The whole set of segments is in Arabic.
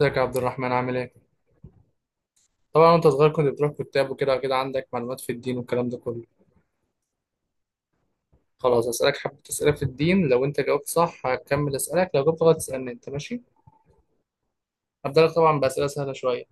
ازيك يا عبد الرحمن؟ عامل ايه؟ طبعا وانت صغير كنت بتروح كتاب وكده كده عندك معلومات في الدين والكلام ده كله. خلاص هسألك حبة أسئلة في الدين، لو انت جاوبت صح هكمل أسألك، لو جاوبت غلط تسألني انت، ماشي؟ هبدأ لك طبعا بأسئلة سهلة شوية.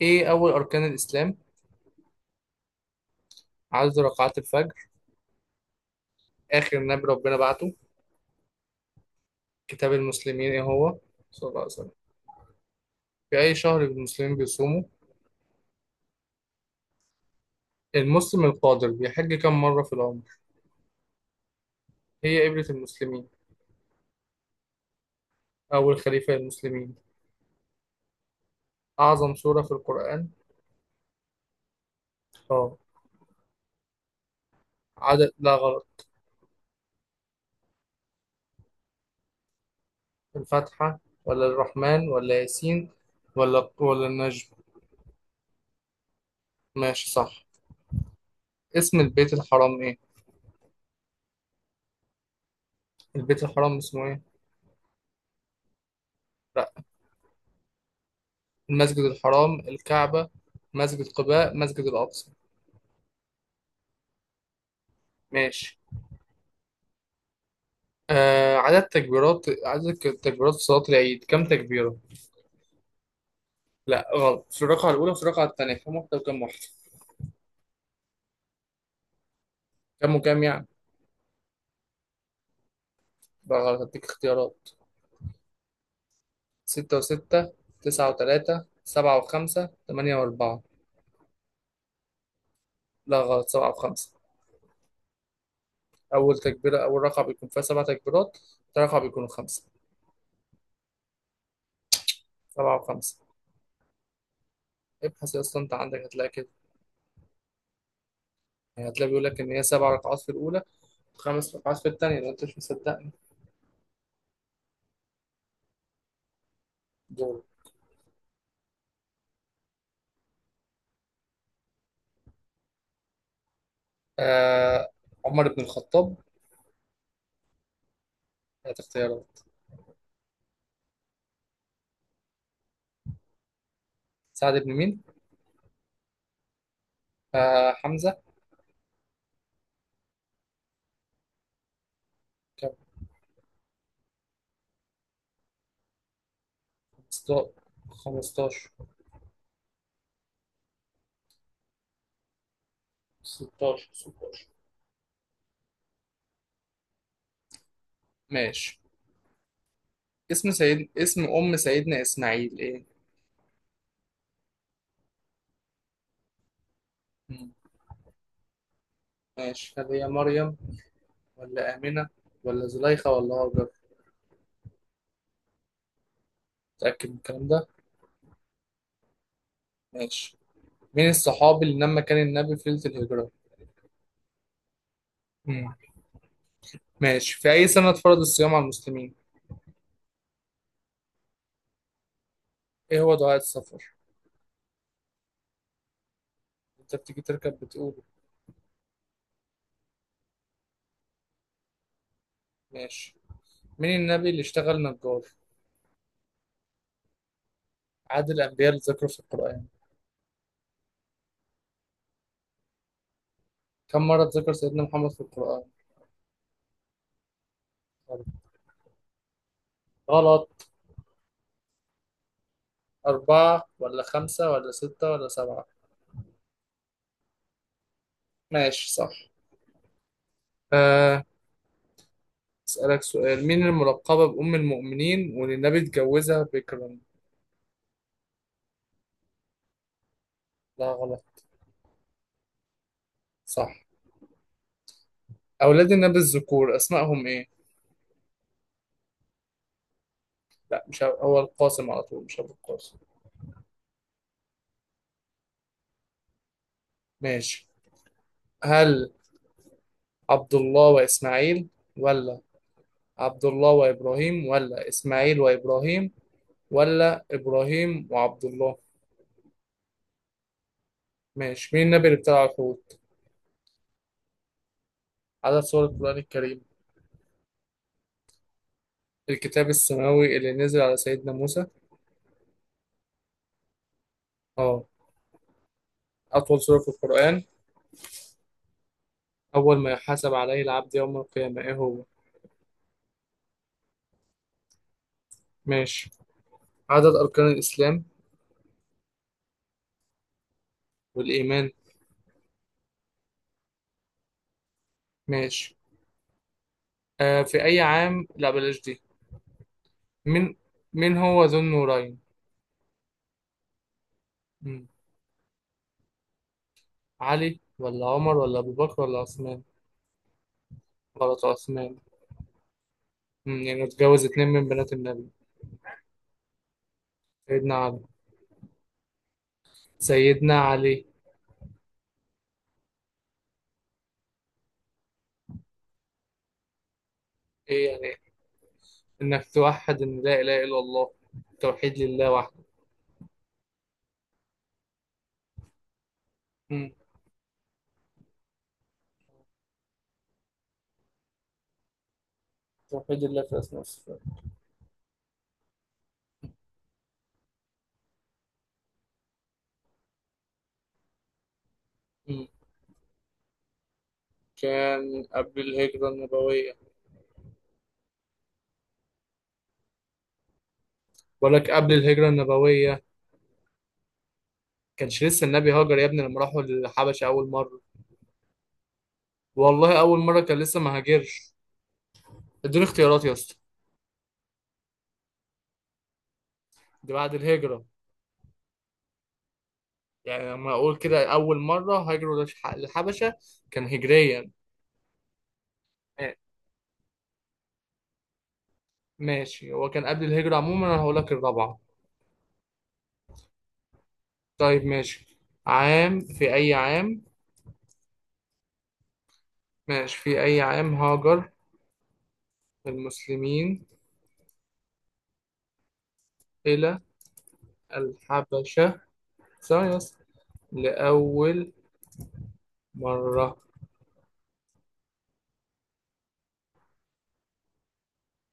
ايه أول أركان الإسلام؟ عدد ركعات الفجر. آخر نبي ربنا بعته. كتاب المسلمين ايه هو؟ صلى الله عليه وسلم. في أي شهر المسلمين بيصوموا؟ المسلم القادر بيحج كم مرة في العمر؟ هي قبلة المسلمين. أول خليفة للمسلمين. أعظم سورة في القرآن؟ اه. عدد، لا غلط. الفاتحة ولا الرحمن ولا ياسين ولا ولا النجم. ماشي، صح. اسم البيت الحرام ايه؟ البيت الحرام اسمه ايه؟ لا. المسجد الحرام، الكعبة، مسجد قباء، مسجد الأقصى. ماشي. آه، عدد تكبيرات، عدد تكبيرات صلاة العيد كم تكبيرة؟ لا غلط، في الرقعة الأولى وفي الرقعة التانية كم واحدة وكم واحدة؟ كم وكم يعني؟ بقى غلط، هديك اختيارات. ستة وستة، تسعة وتلاتة، سبعة وخمسة، تمانية وأربعة. لا غلط، سبعة وخمسة. اول تكبيره اول رقعه بيكون فيها سبع تكبيرات، تاني رقعه بيكونوا خمسه. سبعه وخمسه. ابحث يا اسطى انت، عندك، هتلاقي كده. يعني هتلاقي بيقول لك ان هي سبع ركعات في الاولى وخمس ركعات في الثانيه لو انت مش مصدقني. دول. آه، عمر بن الخطاب. ثلاث اختيارات. سعد بن مين؟ آه، حمزه. كام؟ 15. 16. 16. ماشي. اسم ام سيدنا اسماعيل ايه؟ مم. ماشي، هل هي مريم ولا آمنة ولا زليخة ولا هاجر؟ متأكد من الكلام ده؟ ماشي. من الصحاب اللي لما كان النبي في ليلة الهجرة؟ مم. ماشي. في أي سنة اتفرض الصيام على المسلمين؟ إيه هو دعاء السفر؟ أنت بتيجي تركب بتقوله. ماشي. مين النبي اللي اشتغل نجار؟ عدد الأنبياء اللي ذكروا في القرآن. كم مرة ذكر سيدنا محمد في القرآن؟ غلط. أربعة ولا خمسة ولا ستة ولا سبعة؟ ماشي، صح. أه، أسألك سؤال. مين الملقبة بأم المؤمنين واللي النبي اتجوزها بكرا؟ لا غلط. صح. أولاد النبي الذكور أسمائهم إيه؟ لا، مش هو القاسم على طول، مش أبو القاسم. ماشي، هل عبد الله وإسماعيل، ولا عبد الله وإبراهيم، ولا إسماعيل وإبراهيم، ولا إبراهيم وعبد الله؟ ماشي. مين النبي اللي ابتلع الحوت؟ عدد سور القرآن الكريم. الكتاب السماوي اللي نزل على سيدنا موسى. اه. أطول سورة في القرآن. أول ما يحاسب عليه العبد يوم القيامة إيه هو؟ ماشي. عدد أركان الإسلام. والإيمان. ماشي. آه في أي عام، لا بلاش دي. مين، مين هو ذو النورين؟ مم. علي ولا عمر ولا أبو بكر ولا عثمان؟ غلط، عثمان. مم. يعني اتجوز اتنين من بنات النبي. سيدنا علي. سيدنا علي. إيه يعني؟ إنك توحد إن لا إله إلا الله، توحيد لله وحده. مم. توحيد الله في أسماء الصفات. مم. كان قبل الهجرة النبوية. بقول لك قبل الهجرة النبوية. كانش لسه النبي هاجر يا ابني لما راحوا للحبشة أول مرة. والله أول مرة كان لسه ما هاجرش. اديني اختيارات يا اسطى. دي بعد الهجرة؟ يعني لما اقول كده اول مره هاجروا للحبشه كان هجريا. آه، ماشي. هو كان قبل الهجره عموما، انا هقول لك الرابعه. طيب ماشي. عام، في اي عام؟ ماشي، في اي عام هاجر المسلمين الى الحبشه؟ ثواني بس. لاول مره.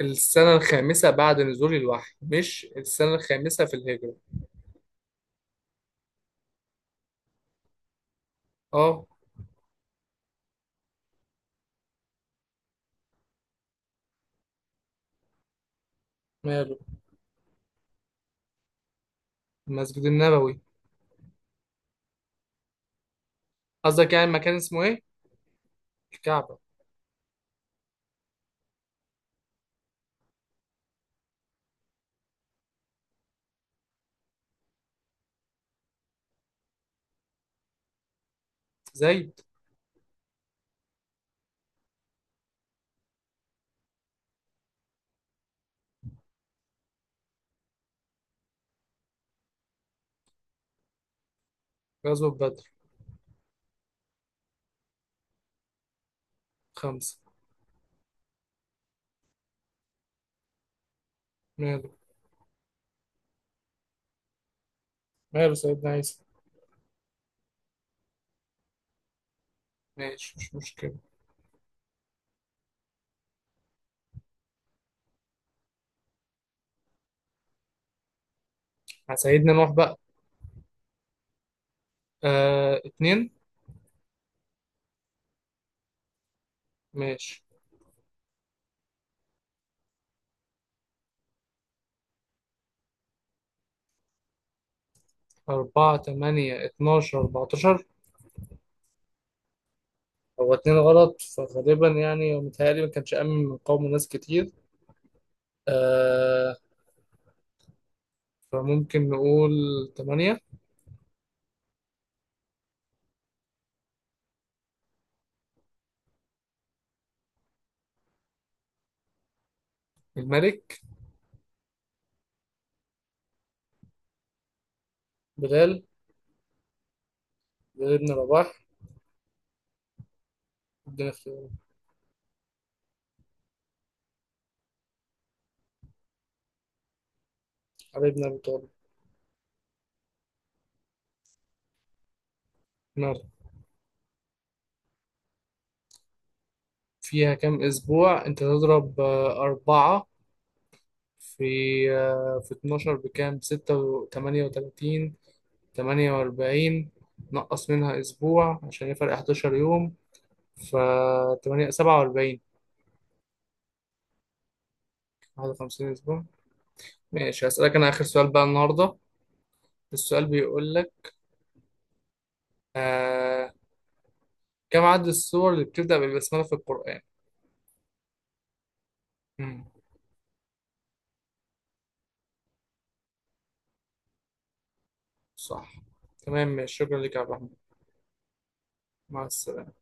السنه الخامسه بعد نزول الوحي، مش السنه الخامسه في الهجره. اه. ماله؟ المسجد النبوي. قصدك يعني مكان اسمه ايه؟ الكعبه. زيد. غزوه بدر. خمسه. ماله؟ ماله سيدنا عيسى؟ ماشي، مش مشكلة. على سيدنا نوح بقى. آه، اتنين. ماشي. أربعة، تمانية، اتناشر، أربعتاشر. هو اتنين غلط، فغالبا يعني متهيألي ما كانش أمن من قوم ناس كتير، آه، فممكن نقول تمانية. الملك؟ بلال. بلال ابن رباح. ابن اختيار. علي بن أبي طالب. ماله؟ فيها كام أسبوع؟ أنت تضرب آه أربعة في آه في اتناشر بكام؟ ستة وتمانية وتلاتين. 48. نقص منها أسبوع عشان هي فرق 11 يوم. ف 8. 47. 51 أسبوع. ماشي، هسألك أنا آخر سؤال بقى النهاردة. السؤال بيقول لك، آه، كم عدد السور اللي بتبدأ بالبسملة في القرآن؟ مم. صح، تمام، ماشي. شكرا لك يا عبد الرحمن. مع السلامة.